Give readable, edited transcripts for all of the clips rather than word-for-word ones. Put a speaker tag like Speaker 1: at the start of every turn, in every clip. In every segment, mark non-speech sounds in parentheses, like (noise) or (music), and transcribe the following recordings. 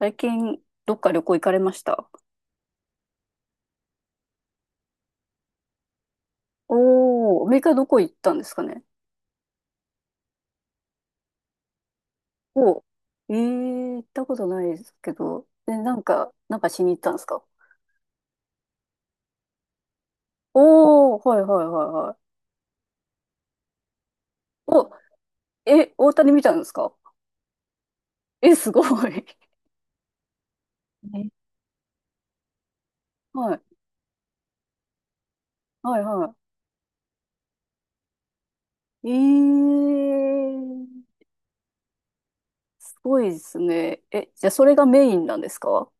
Speaker 1: 最近、どっか旅行行かれました？おー、アメリカどこ行ったんですかね？おー、行ったことないですけど、なんか、なんかしに行ったんですか？おー、はいはいはいはい。お、え、大谷見たんですか？え、すごい。えはいはいはい。すごいですね。え、じゃあそれがメインなんですか？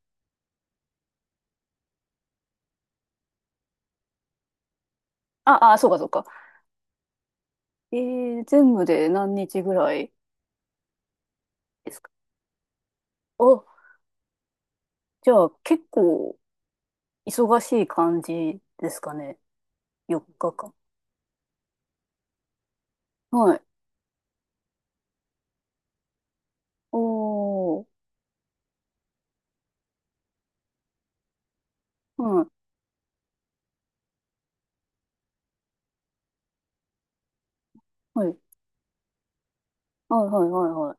Speaker 1: あ、あ、そうかそうか。全部で何日ぐらいですか？あ、じゃあ結構、忙しい感じですかね。4日間。はい。おー。はい。はい。はいはいはい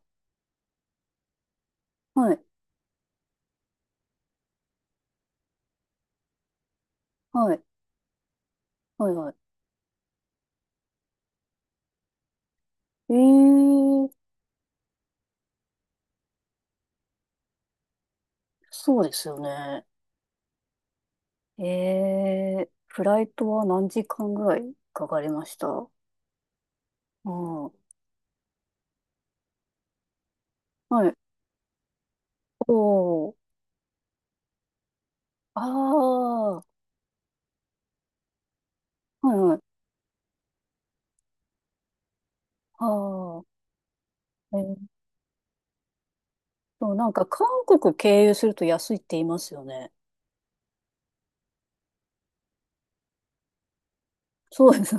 Speaker 1: はい。はい。はいはいはい。そうですよね。フライトは何時間ぐらいかかりました？うん。はい。おー。あー。はいはい。あー。えーっなんか韓国経由すると安いって言いますよね。そうです。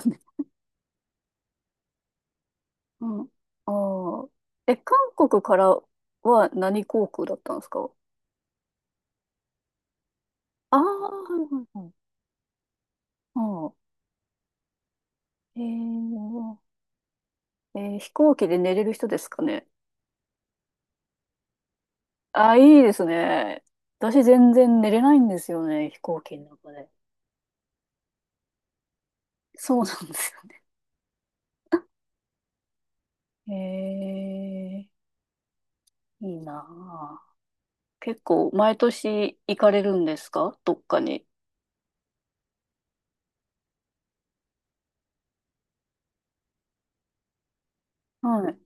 Speaker 1: うん。ああ。え、韓国からは何航空だったんですか？ああー、はいはいはい。うん。え飛行機で寝れる人ですかね。ああ、いいですね。私全然寝れないんですよね、飛行機の中で。そうなんですよ。えいいなあ。結構、毎年行かれるんですかどっかに？はい。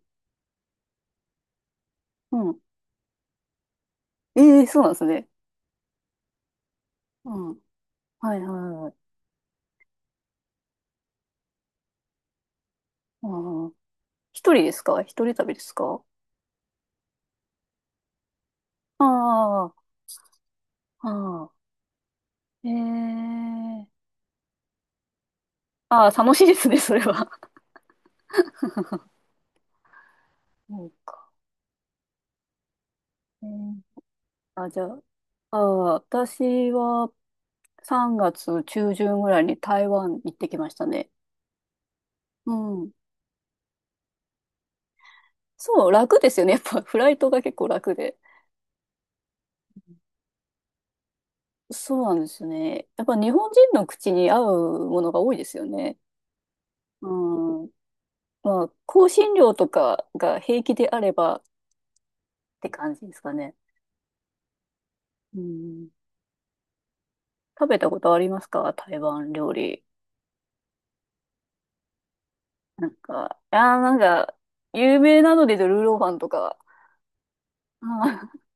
Speaker 1: うん。ええ、そうなんですね。うん。はいはいはい。うん。一人ですか？一人旅ですか？ああ、ああ、ええ。ああ、楽しいですね、それは。そうか。えーあ、じゃあ、ああ、私は3月中旬ぐらいに台湾行ってきましたね。うん。そう、楽ですよね。やっぱフライトが結構楽で。そうなんですよね。やっぱ日本人の口に合うものが多いですよね。うん。まあ、香辛料とかが平気であればって感じですかね。うん。食べたことありますか台湾料理？なんか、いやーなんか、有名なのでルーローファンとか。(laughs)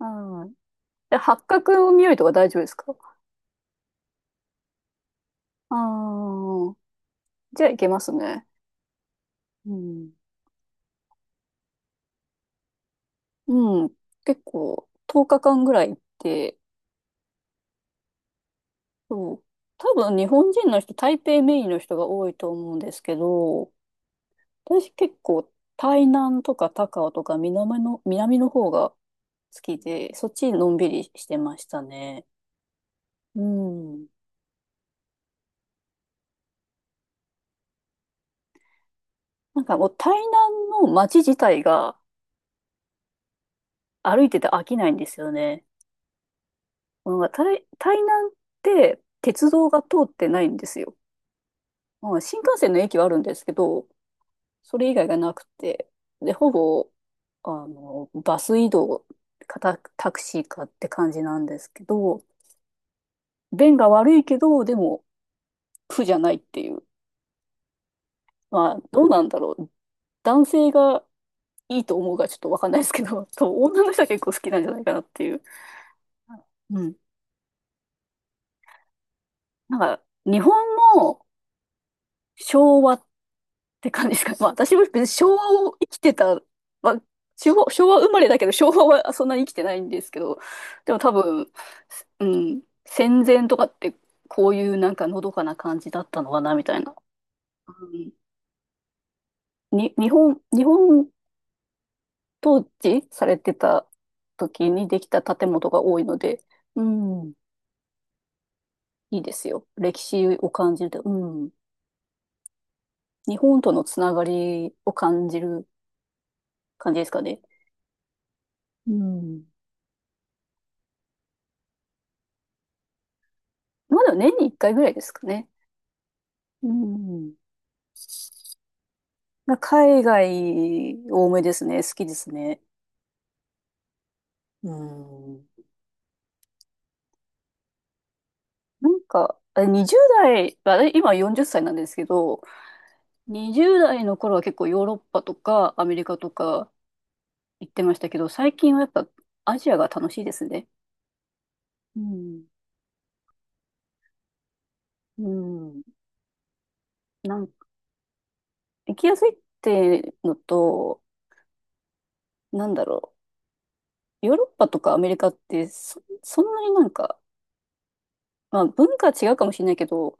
Speaker 1: うん。うん。で、八角の匂いとか大丈夫ですか？ああ、じゃあいけますね。うん。うん。結構、10日間ぐらい行って、そう。多分日本人の人、台北メインの人が多いと思うんですけど、私結構台南とか高雄とか南の方が好きで、そっちのんびりしてましたね。うん。なんかもう台南の街自体が歩いてて飽きないんですよね。なんか台南って鉄道が通ってないんですよ。まあ、新幹線の駅はあるんですけど、それ以外がなくて、で、ほぼ、あの、バス移動かタクシーかって感じなんですけど、便が悪いけど、でも苦じゃないっていう。まあ、どうなんだろう。男性がいいと思うかちょっとわかんないですけど、(laughs) 多分女の人は結構好きなんじゃないかなっていう。うん。なんか、日本も昭和って感じですかね。(laughs) まあ、私も別に昭和を生きてた、まあ、昭和生まれだけど、昭和はそんなに生きてないんですけど、でも多分、うん、戦前とかってこういうなんかのどかな感じだったのかな、みたいな。うんに、日本統治されてた時にできた建物が多いので、うん、いいですよ。歴史を感じると、うん、日本とのつながりを感じる感じですかね。うん。まだ年に1回ぐらいですかね。うん。まあ海外多めですね。好きですね。うん。なんか、あれ20代、まあれ今40歳なんですけど、20代の頃は結構ヨーロッパとかアメリカとか行ってましたけど、最近はやっぱアジアが楽しいですね。うん。うん。なんか、行きやすいってのと、なんだろう。ヨーロッパとかアメリカってそんなになんか、まあ文化は違うかもしれないけど、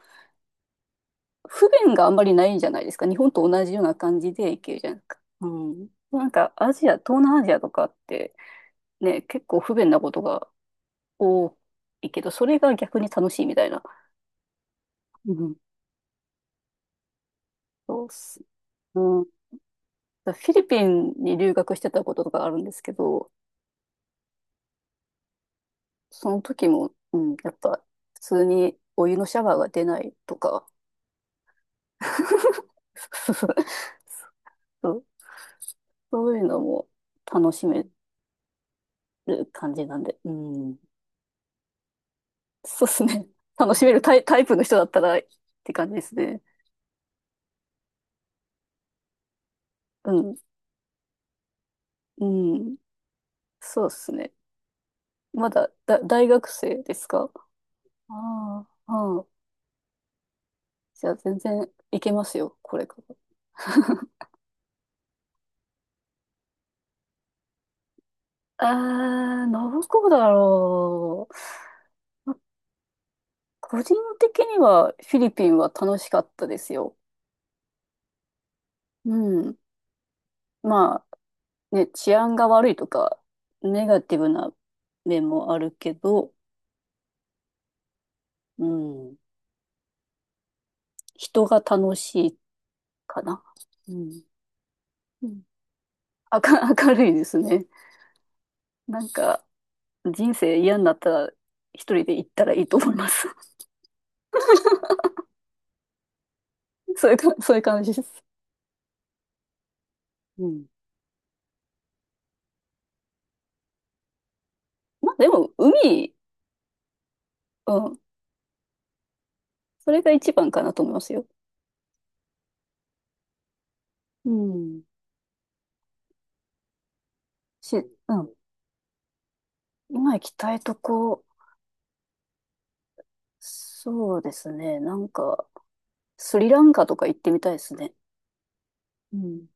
Speaker 1: 不便があんまりないじゃないですか。日本と同じような感じで行けるじゃないですか。うん。なんかアジア、東南アジアとかってね、結構不便なことが多いけど、それが逆に楽しいみたいな。うん。そうっす。うん。フィリピンに留学してたこととかあるんですけど、その時も、うん、やっぱ普通にお湯のシャワーが出ないとか、(laughs) そう、そういうのも楽しめる感じなんで、うん。そうですね。楽しめるタイプの人だったらって感じですね。うん。うん。そうですね。まだ、大学生ですか？ああ、ああ。じゃあ全然いけますよ、これから。ああ、どこだろう。個人的にはフィリピンは楽しかったですよ。うん。まあね、治安が悪いとか、ネガティブな面もあるけど、うん。人が楽しいかな。うん。(laughs) 明るいですね。なんか、人生嫌になったら、一人で行ったらいいと思います。(laughs) そういうか、そういう感じです。うん。まあ、でも、海、うん。それが一番かなと思いますよ。うん。うん。今行きたいとこ、そうですね。なんか、スリランカとか行ってみたいですね。うん。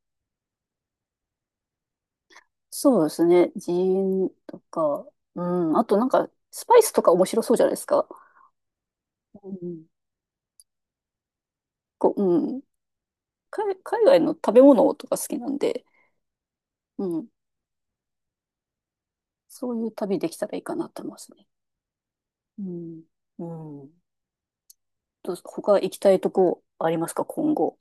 Speaker 1: そうですね。寺院とか、うん。あとなんか、スパイスとか面白そうじゃないですか。うん。こう、うん。海外の食べ物とか好きなんで、うん。そういう旅できたらいいかなと思いますね。うん。うん。どうす他行きたいとこありますか、今後？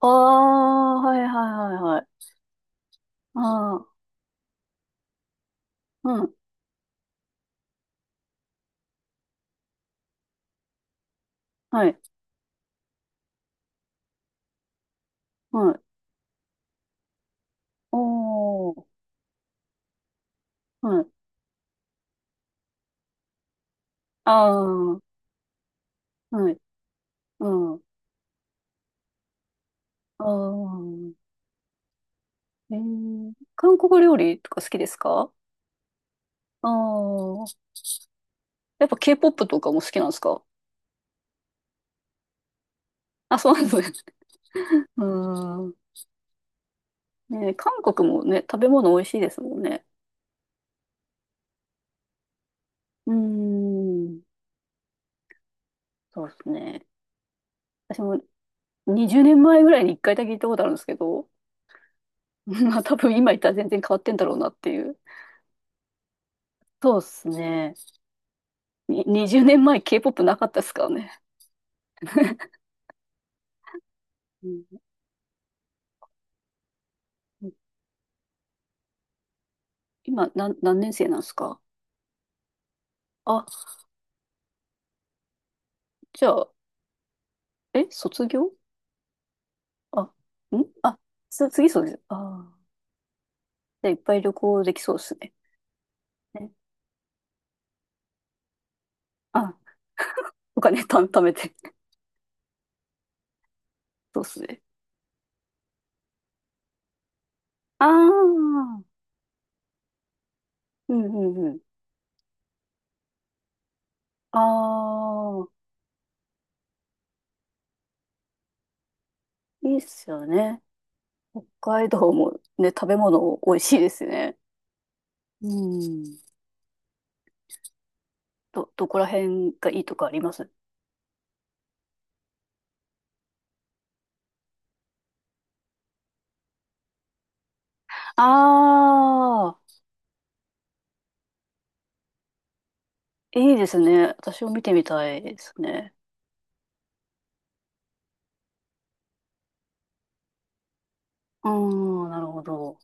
Speaker 1: ああ、はいはいはいはい。ああ、うん。はい。はい。おー。はい。ああ、はい。うん。ああ。韓国料理とか好きですか？ああー。やっぱ K-POP とかも好きなんですか？あ、そうなんですね。うーん。ね、韓国もね、食べ物美味しいですもんね。うーん。そうですね。私も20年前ぐらいに1回だけ行ったことあるんですけど、(laughs) まあ多分今行ったら全然変わってんだろうなっていう。そうですね。に20年前 K-POP なかったですからね。うん。今何年生なんですか？あ、じゃあ、卒業、あ、んあ、次そうです。ああ。じゃあいっぱい旅行できそうですね。ねあ、お金 (laughs) 貯めて。そうですね。ああ、うんうんうん。ああ、いいっすよね。北海道もね、食べ物美味しいですね。うん。どこら辺がいいとかあります？ああー、いいですね。私も見てみたいですね。うーん、なるほど。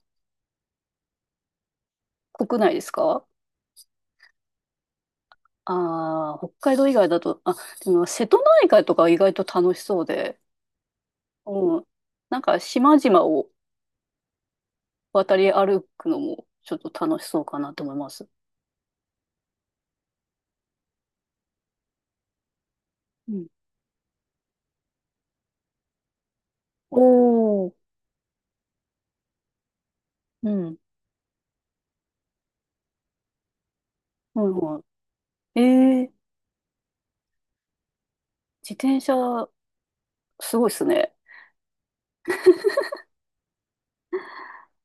Speaker 1: 国内ですか？ああー、北海道以外だと、あ、でも瀬戸内海とか意外と楽しそうで、うん。なんか島々を渡り歩くのもちょっと楽しそうかなと思います。うん。おお、うん。うん、うん。ええー、自転車、すごいっすね。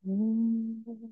Speaker 1: うーん